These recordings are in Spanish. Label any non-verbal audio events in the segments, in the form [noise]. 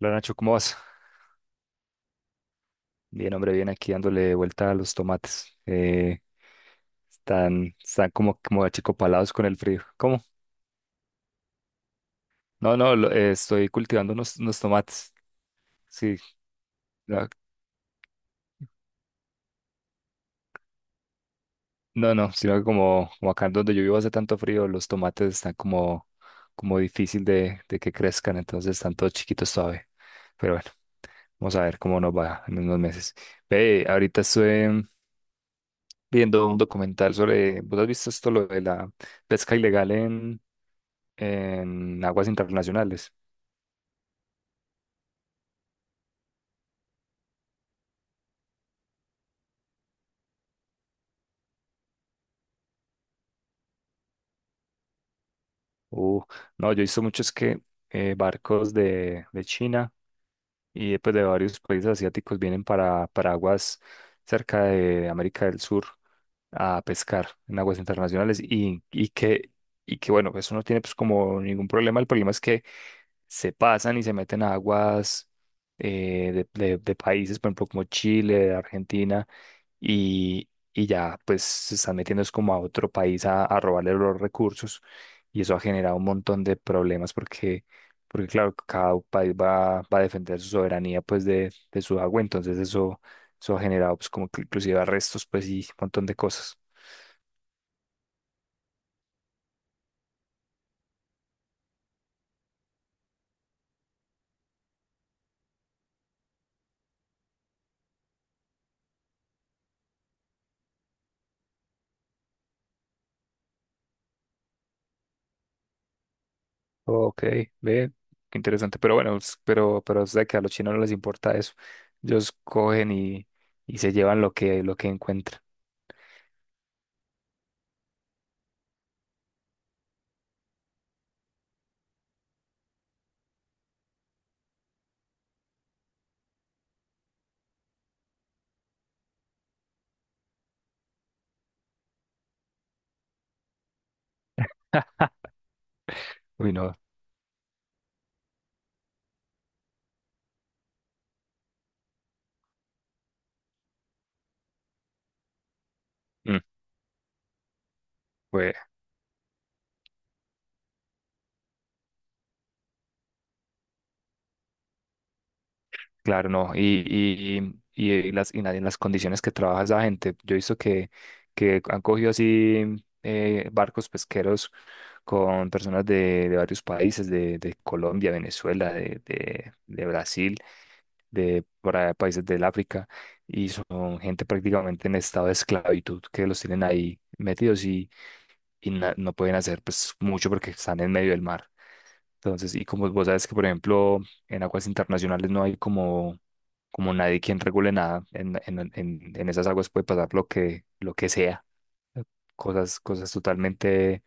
Hola Nacho, ¿cómo vas? Bien, hombre, bien aquí dándole vuelta a los tomates. Están como, como achicopalados con el frío. ¿Cómo? No, no, estoy cultivando unos tomates. Sí, no, no, no, sino que como, como acá donde yo vivo hace tanto frío, los tomates están como difícil de que crezcan, entonces están todos chiquitos todavía. Pero bueno, vamos a ver cómo nos va en unos meses. Ve, ahorita estoy viendo un documental sobre, ¿vos has visto esto, lo de la pesca ilegal en aguas internacionales? Uh, no, yo he visto muchos que barcos de China y pues, de varios países asiáticos vienen para aguas cerca de América del Sur a pescar en aguas internacionales y que bueno, eso no tiene pues como ningún problema. El problema es que se pasan y se meten a aguas de países, por ejemplo, como Chile, Argentina, y ya pues se están metiendo es como a otro país a robarle los recursos, y eso ha generado un montón de problemas porque, porque claro, cada país va a defender su soberanía pues de su agua. Entonces, eso ha generado pues como que inclusive arrestos pues y un montón de cosas. Ok, ve, qué interesante. Pero bueno, pero es de que a los chinos no les importa eso, ellos cogen y se llevan lo que encuentran. [laughs] Uy, no. Mm. Claro, no. En las condiciones que trabaja esa gente, yo he visto que han cogido así barcos pesqueros con personas de varios países, de Colombia, Venezuela, de Brasil, de para países del África, y son gente prácticamente en estado de esclavitud que los tienen ahí metidos, y no pueden hacer pues mucho porque están en medio del mar. Entonces, y como vos sabes que, por ejemplo, en aguas internacionales no hay como, como nadie quien regule nada. En esas aguas puede pasar lo que sea. Cosas, cosas totalmente.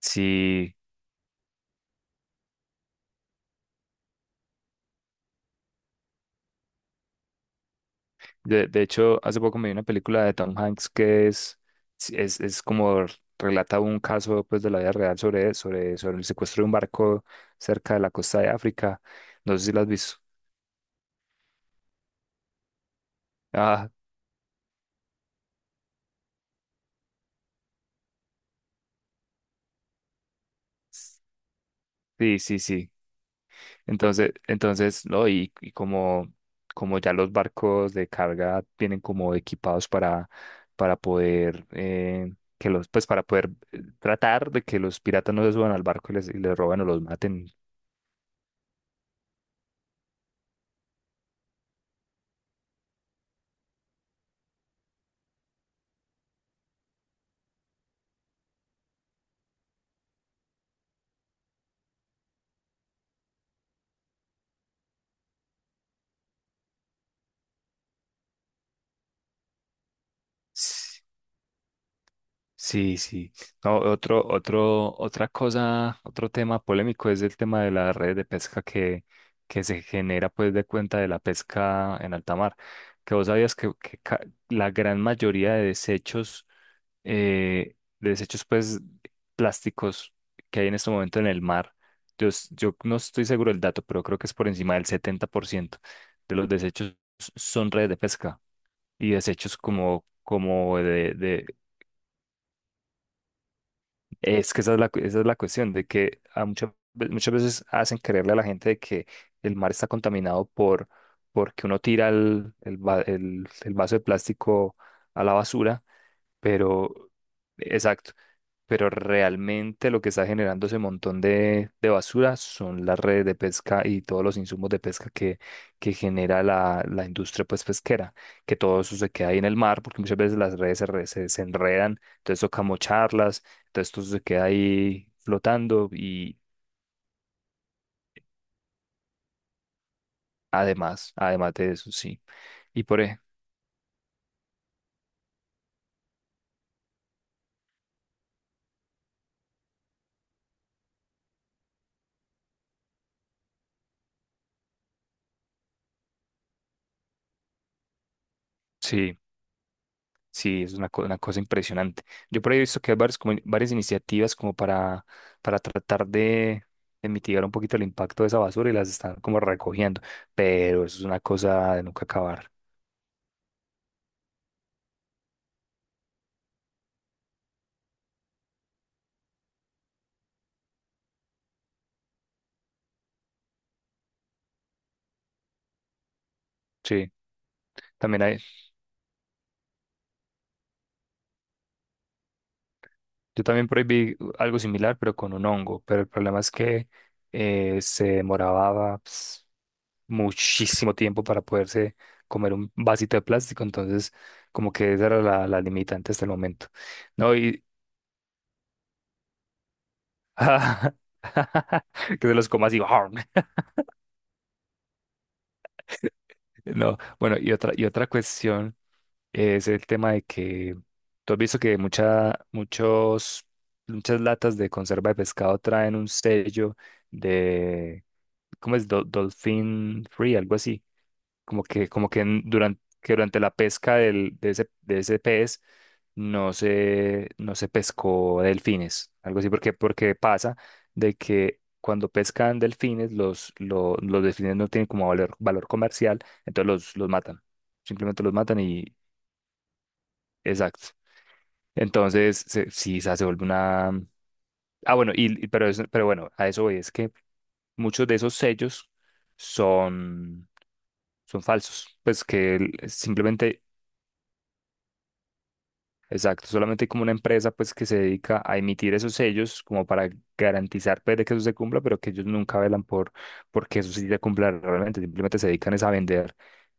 Sí. De hecho, hace poco me vi una película de Tom Hanks que es, sí, es como, relata un caso pues, de la vida real sobre, sobre, sobre el secuestro de un barco cerca de la costa de África. No sé si la has visto. Ah, sí, sí, sí. Entonces, no, como ya los barcos de carga vienen como equipados para poder que los, pues para poder tratar de que los piratas no se suban al barco y les roben o los maten. S- Sí, sí. No, otra cosa, otro tema polémico es el tema de la red de pesca que se genera pues de cuenta de la pesca en alta mar. Que vos sabías que ca- La gran mayoría de desechos eh, de desechos pues plásticos que hay en este momento en el mar. Yo no estoy seguro del dato, pero creo que es por encima del 70% de los desechos son redes de pesca y desechos como, como de. Es que esa es la, esa es la cuestión, de que muchas veces hacen creerle a la gente de que el mar está contaminado por, porque uno tira el vaso de plástico a la basura, pero exacto. Pero realmente lo que está generando ese montón de basura son las redes de pesca y todos los insumos de pesca que genera la industria pues, pesquera, que todo eso se queda ahí en el mar, porque muchas veces las redes se enredan, entonces toca mocharlas, entonces todo eso se queda ahí flotando y además, además de eso, sí. Y por ejemplo, sí, es una, una cosa impresionante. Yo por ahí he visto que hay varias, como, varias iniciativas como para tratar de mitigar un poquito el impacto de esa basura y las están como recogiendo, pero eso es una cosa de nunca acabar. Sí, también hay, yo también por ahí vi algo similar, pero con un hongo. Pero el problema es que se demoraba pues, muchísimo tiempo para poderse comer un vasito de plástico, entonces como que esa era la, la limitante hasta el momento. No, y, [laughs] que se los coma así. [laughs] No, bueno, y otra cuestión es el tema de que tú has visto que mucha, muchos, muchas latas de conserva de pescado traen un sello de, ¿cómo es? Dolphin Free, algo así. Como que durante la pesca de ese pez no se, no se pescó delfines, algo así, porque, porque pasa de que cuando pescan delfines, los delfines no tienen como valor, valor comercial, entonces los matan. Simplemente los matan y... Exacto. Entonces, sí, o sea, se vuelve una... Ah, bueno, pero, pero bueno, a eso voy. Es que muchos de esos sellos son, son falsos. Pues que el- simplemente, exacto, solamente hay como una empresa pues que se dedica a emitir esos sellos como para garantizar pues, de que eso se cumpla, pero que ellos nunca velan por que eso sí se cumpla realmente. Simplemente se dedican es a vender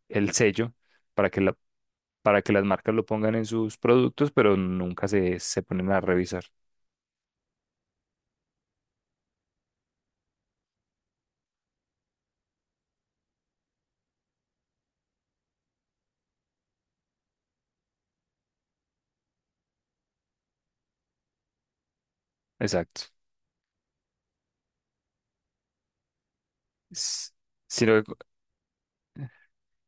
el sello para que la, para que las marcas lo pongan en sus productos, pero nunca se, se ponen a revisar. Exacto. S- Sino que,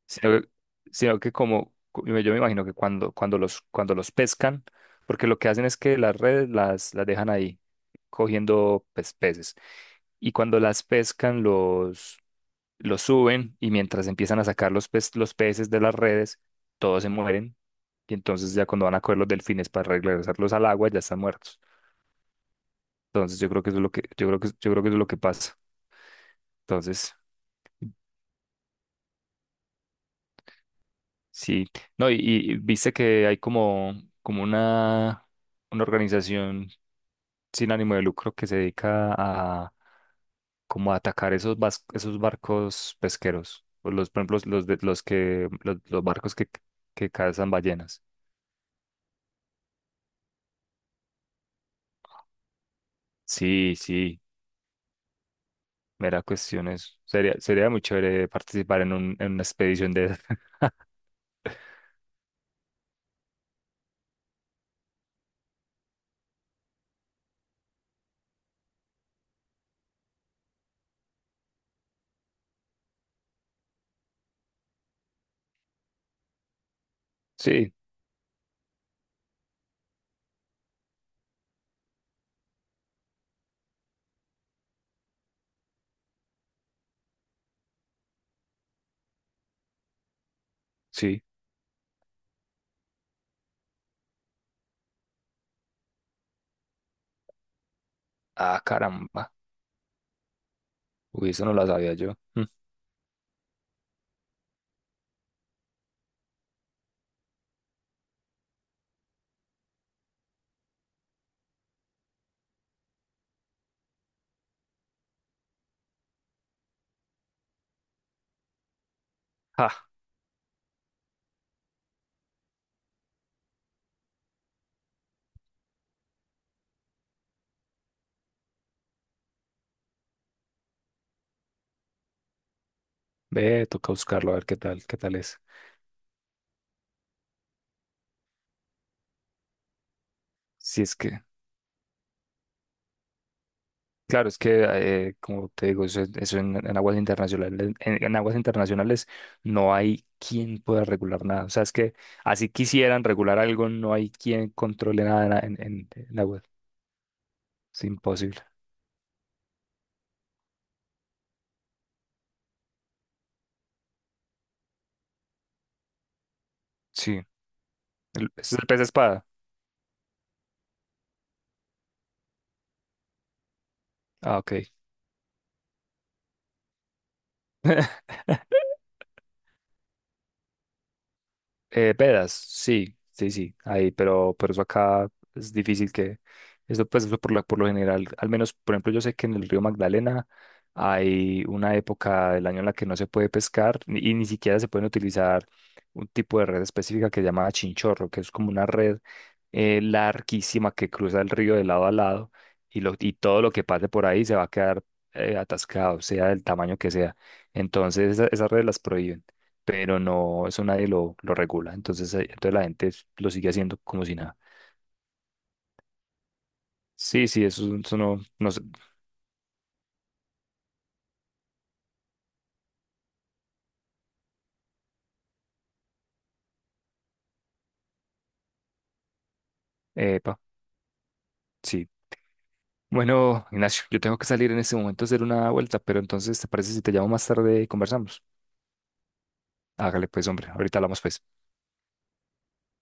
sino que, sino que como yo me imagino que cuando, cuando los pescan, porque lo que hacen es que las redes las dejan ahí cogiendo pues, peces. Y cuando las pescan, los suben y mientras empiezan a sacar los peces de las redes, todos se mueren. Y entonces ya cuando van a coger los delfines para regresarlos al agua, ya están muertos. Entonces yo creo que eso es lo que, yo creo que, yo creo que eso es lo que pasa. Entonces, sí. No, y viste que hay como, como una organización sin ánimo de lucro que se dedica a como a atacar esos barcos pesqueros. O los, por ejemplo, los de, los que, los barcos que cazan ballenas. Sí, sí, mera cuestión es. Sería, sería muy chévere participar en un, en una expedición de esas. [laughs] Sí, sí. Ah, caramba. Uy, eso no lo sabía yo. Mm. Ve, toca buscarlo a ver qué tal es. Si es que, claro, es que, como te digo, eso en aguas internacionales no hay quien pueda regular nada. O sea, es que así quisieran regular algo, no hay quien controle nada en aguas. Es imposible. Sí. ¿Ese es el pez espada? Ah, ok. [laughs] Vedas, sí, sí, sí, ahí, pero eso acá es difícil que, eso pues eso por lo general, al menos, por ejemplo, yo sé que en el río Magdalena hay una época del año en la que no se puede pescar ni ni siquiera se pueden utilizar un tipo de red específica que se llama chinchorro, que es como una red larguísima que cruza el río de lado a lado y, lo, y todo lo que pase por ahí se va a quedar atascado, sea del tamaño que sea. Entonces, esas redes las prohíben, pero no, eso nadie lo, lo regula. Entonces, entonces la gente lo sigue haciendo como si nada. Sí, sí, eso no, no sé. Epa, sí. Bueno, Ignacio, yo tengo que salir en este momento a hacer una vuelta, pero entonces, ¿te parece si te llamo más tarde y conversamos? Hágale pues, hombre, ahorita hablamos pues.